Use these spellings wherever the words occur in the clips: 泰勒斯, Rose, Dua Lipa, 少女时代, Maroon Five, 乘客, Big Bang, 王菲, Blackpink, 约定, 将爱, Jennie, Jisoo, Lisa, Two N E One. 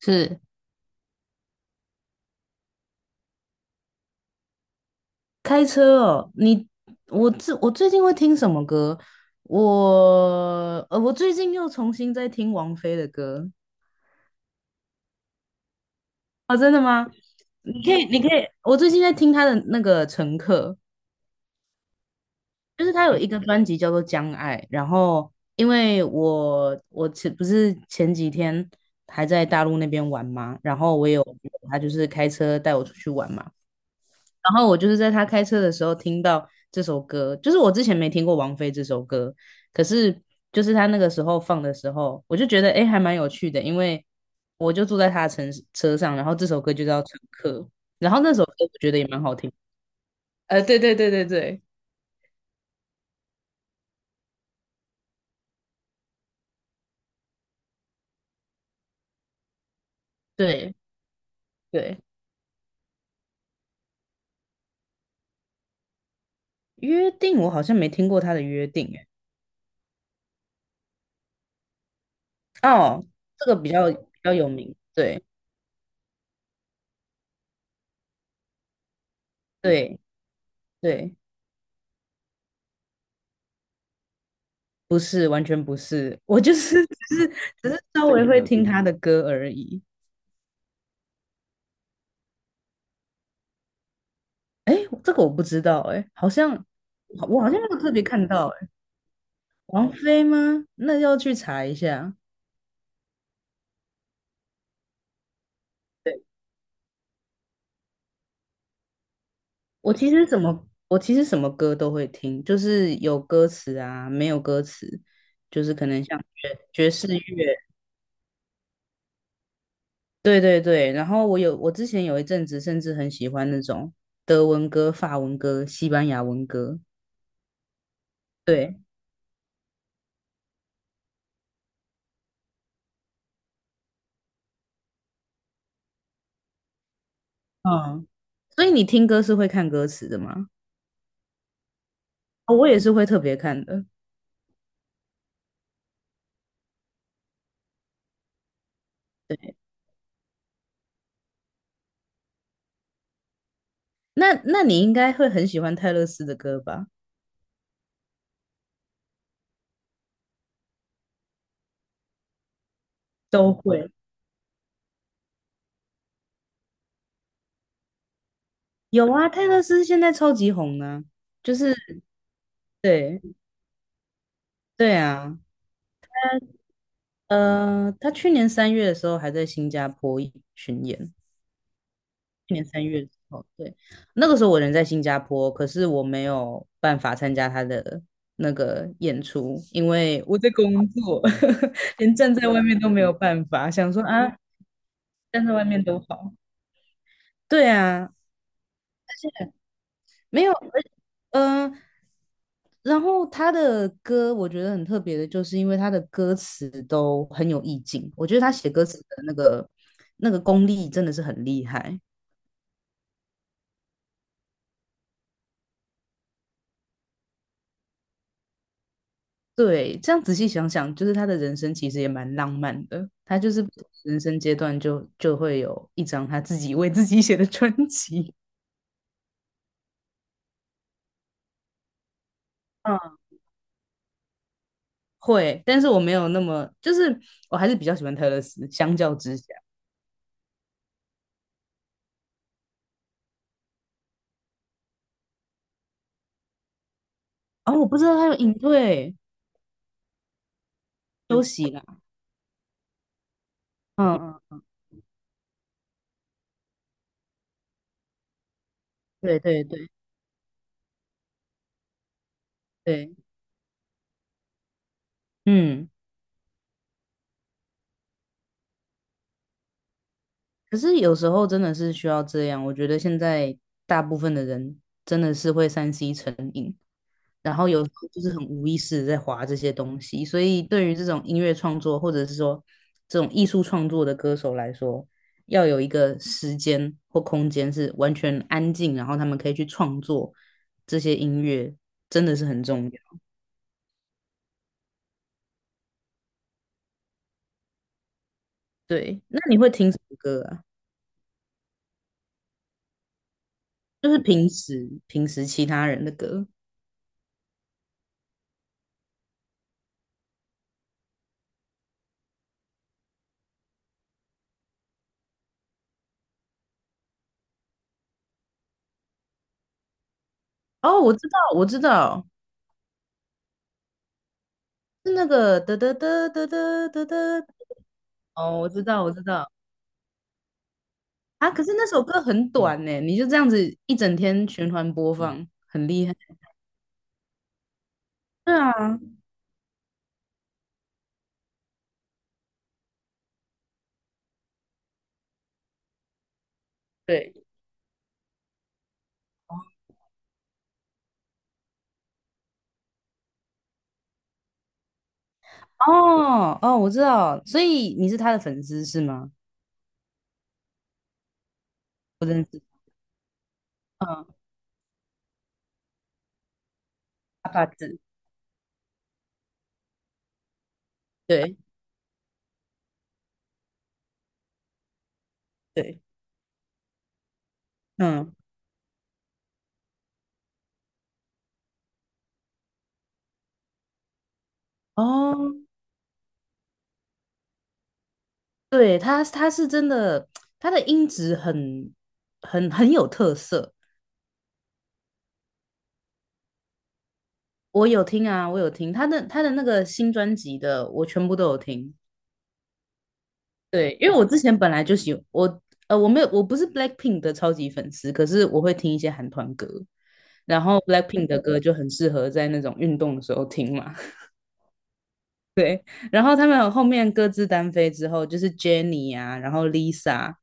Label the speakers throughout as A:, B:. A: 是开车哦，你我最近会听什么歌？我最近又重新在听王菲的歌。哦，真的吗？你可以，我最近在听她的那个《乘客》，就是她有一个专辑叫做《将爱》，然后因为我不是前几天还在大陆那边玩嘛，然后我也有他就是开车带我出去玩嘛，然后我就是在他开车的时候听到这首歌，就是我之前没听过王菲这首歌，可是就是他那个时候放的时候，我就觉得哎还蛮有趣的，因为我就坐在他的车上，然后这首歌就叫《乘客》，然后那首歌我觉得也蛮好听。对对对对对，对对，约定我好像没听过他的约定诶。哦，这个比较有名，对对对，不是完全不是，我就是只是稍微会听他的歌而已。哎，这个我不知道，哎，好像好我好像没有特别看到，哎，王菲吗？那要去查一下。对，我其实什么歌都会听，就是有歌词啊，没有歌词，就是可能像爵士乐，对对对。然后我之前有一阵子甚至很喜欢那种德文歌、法文歌、西班牙文歌，对，嗯。所以你听歌是会看歌词的吗？哦，我也是会特别看的。那你应该会很喜欢泰勒斯的歌吧？都会有啊，泰勒斯现在超级红呢、就是对对啊，他去年三月的时候还在新加坡巡演。去年三月的时候，对，那个时候我人在新加坡，可是我没有办法参加他的那个演出，因为我在工作，连站在外面都没有办法，想说啊，站在外面都好。对啊，没有，嗯，然后他的歌我觉得很特别的，就是因为他的歌词都很有意境，我觉得他写歌词的那个功力真的是很厉害。对，这样仔细想想，就是他的人生其实也蛮浪漫的，他就是不同人生阶段就会有一张他自己为自己写的专辑。嗯，会，但是我没有那么，就是我还是比较喜欢泰勒斯，相较之下。哦，我不知道他有隐退休息啦。嗯嗯，对对对。对，嗯，可是有时候真的是需要这样。我觉得现在大部分的人真的是会3C 成瘾，然后有时候就是很无意识地在划这些东西。所以对于这种音乐创作，或者是说这种艺术创作的歌手来说，要有一个时间或空间是完全安静，然后他们可以去创作这些音乐，真的是很重要。对，那你会听什么歌啊？就是平时其他人的歌。哦，我知道，我知道。是那个得得得得得得得，哦，我知道，我知道啊。可是那首歌很短呢，你就这样子一整天循环播放，很厉害。对啊，对，哦哦，我知道，所以你是他的粉丝是吗？我认识，嗯，阿帕子，对 对，嗯，哦，对，他是真的，他的音质很有特色。我有听啊，我有听他的那个新专辑的，我全部都有听。对，因为我之前本来就喜我呃我没有我不是 Blackpink 的超级粉丝，可是我会听一些韩团歌，然后 Blackpink 的歌就很适合在那种运动的时候听嘛。然后他们后面各自单飞之后，就是 Jennie 啊，然后 Lisa。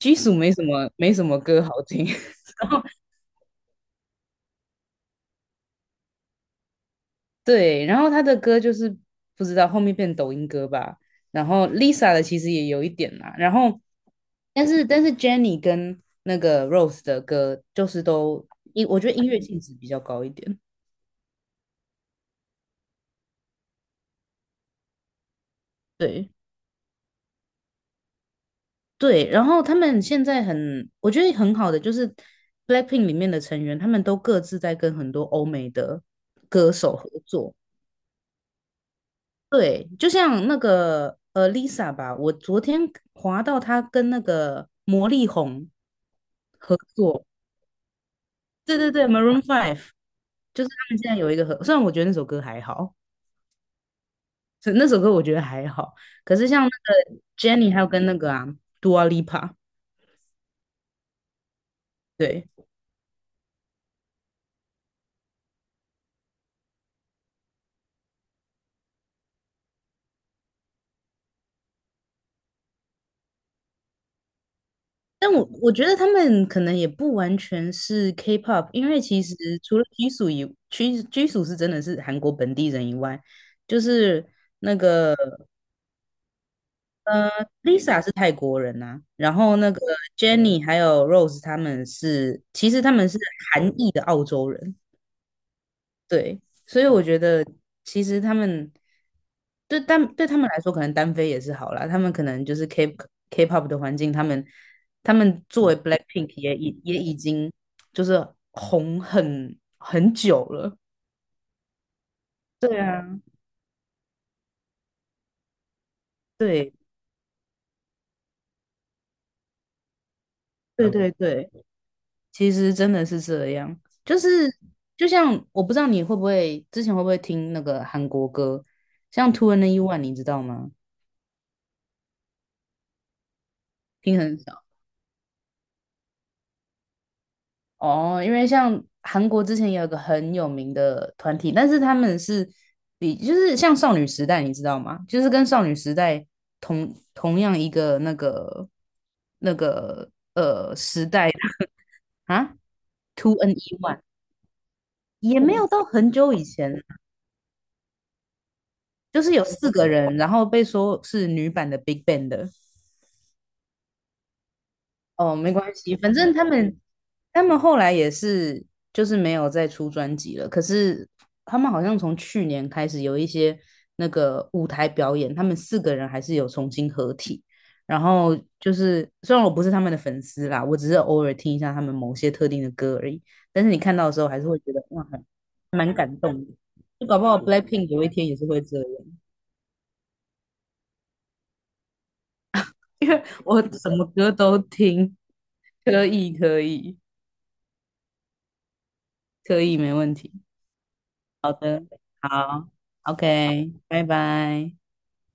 A: Jisoo 没什么歌好听，然后对，然后他的歌就是不知道后面变抖音歌吧，然后 Lisa 的其实也有一点啦，然后但是 Jennie 跟那个 Rose 的歌就是我觉得音乐性质比较高一点。对对，然后他们现在很，我觉得很好的就是 Blackpink 里面的成员，他们都各自在跟很多欧美的歌手合作。对，就像那个Lisa 吧，我昨天滑到她跟那个魔力红合作，对对对，Maroon Five，就是他们现在有一个合，虽然我觉得那首歌还好，是那首歌我觉得还好，可是像那个 j e n n y 还有跟那个啊 Dua Lipa，对，但我觉得他们可能也不完全是 K-pop，因为其实除了拘属拘属是真的是韩国本地人以外，就是那个呃 Lisa 是泰国人呐、啊然后那个 j e n n y 还有 Rose 他们是其实他们是韩裔的澳洲人。对，所以我觉得其实他们对但对他们来说，可能单飞也是好啦。他们可能就是 K-pop 的环境，他们作为 BLACKPINK 也已经就是红很久了。对啊，对对嗯对对，其实真的是这样，就是就像我不知道你会不会之前会不会听那个韩国歌，像 2NE1，你知道吗？听很少。哦，因为像韩国之前也有个很有名的团体，但是他们是就是像少女时代，你知道吗？就是跟少女时代同样一个那个啊，2NE1 也没有到很久以前，就是有四个人，然后被说是女版的 Big Bang 的。哦，没关系，反正他们后来也是就是没有再出专辑了。可是他们好像从去年开始有一些那个舞台表演，他们四个人还是有重新合体。然后就是虽然我不是他们的粉丝啦，我只是偶尔听一下他们某些特定的歌而已。但是你看到的时候还是会觉得哇，蛮感动的。就搞不好 BLACKPINK 有一天也是会这样，因为我什么歌都听，可以可以可以，没问题。好，OK，拜拜。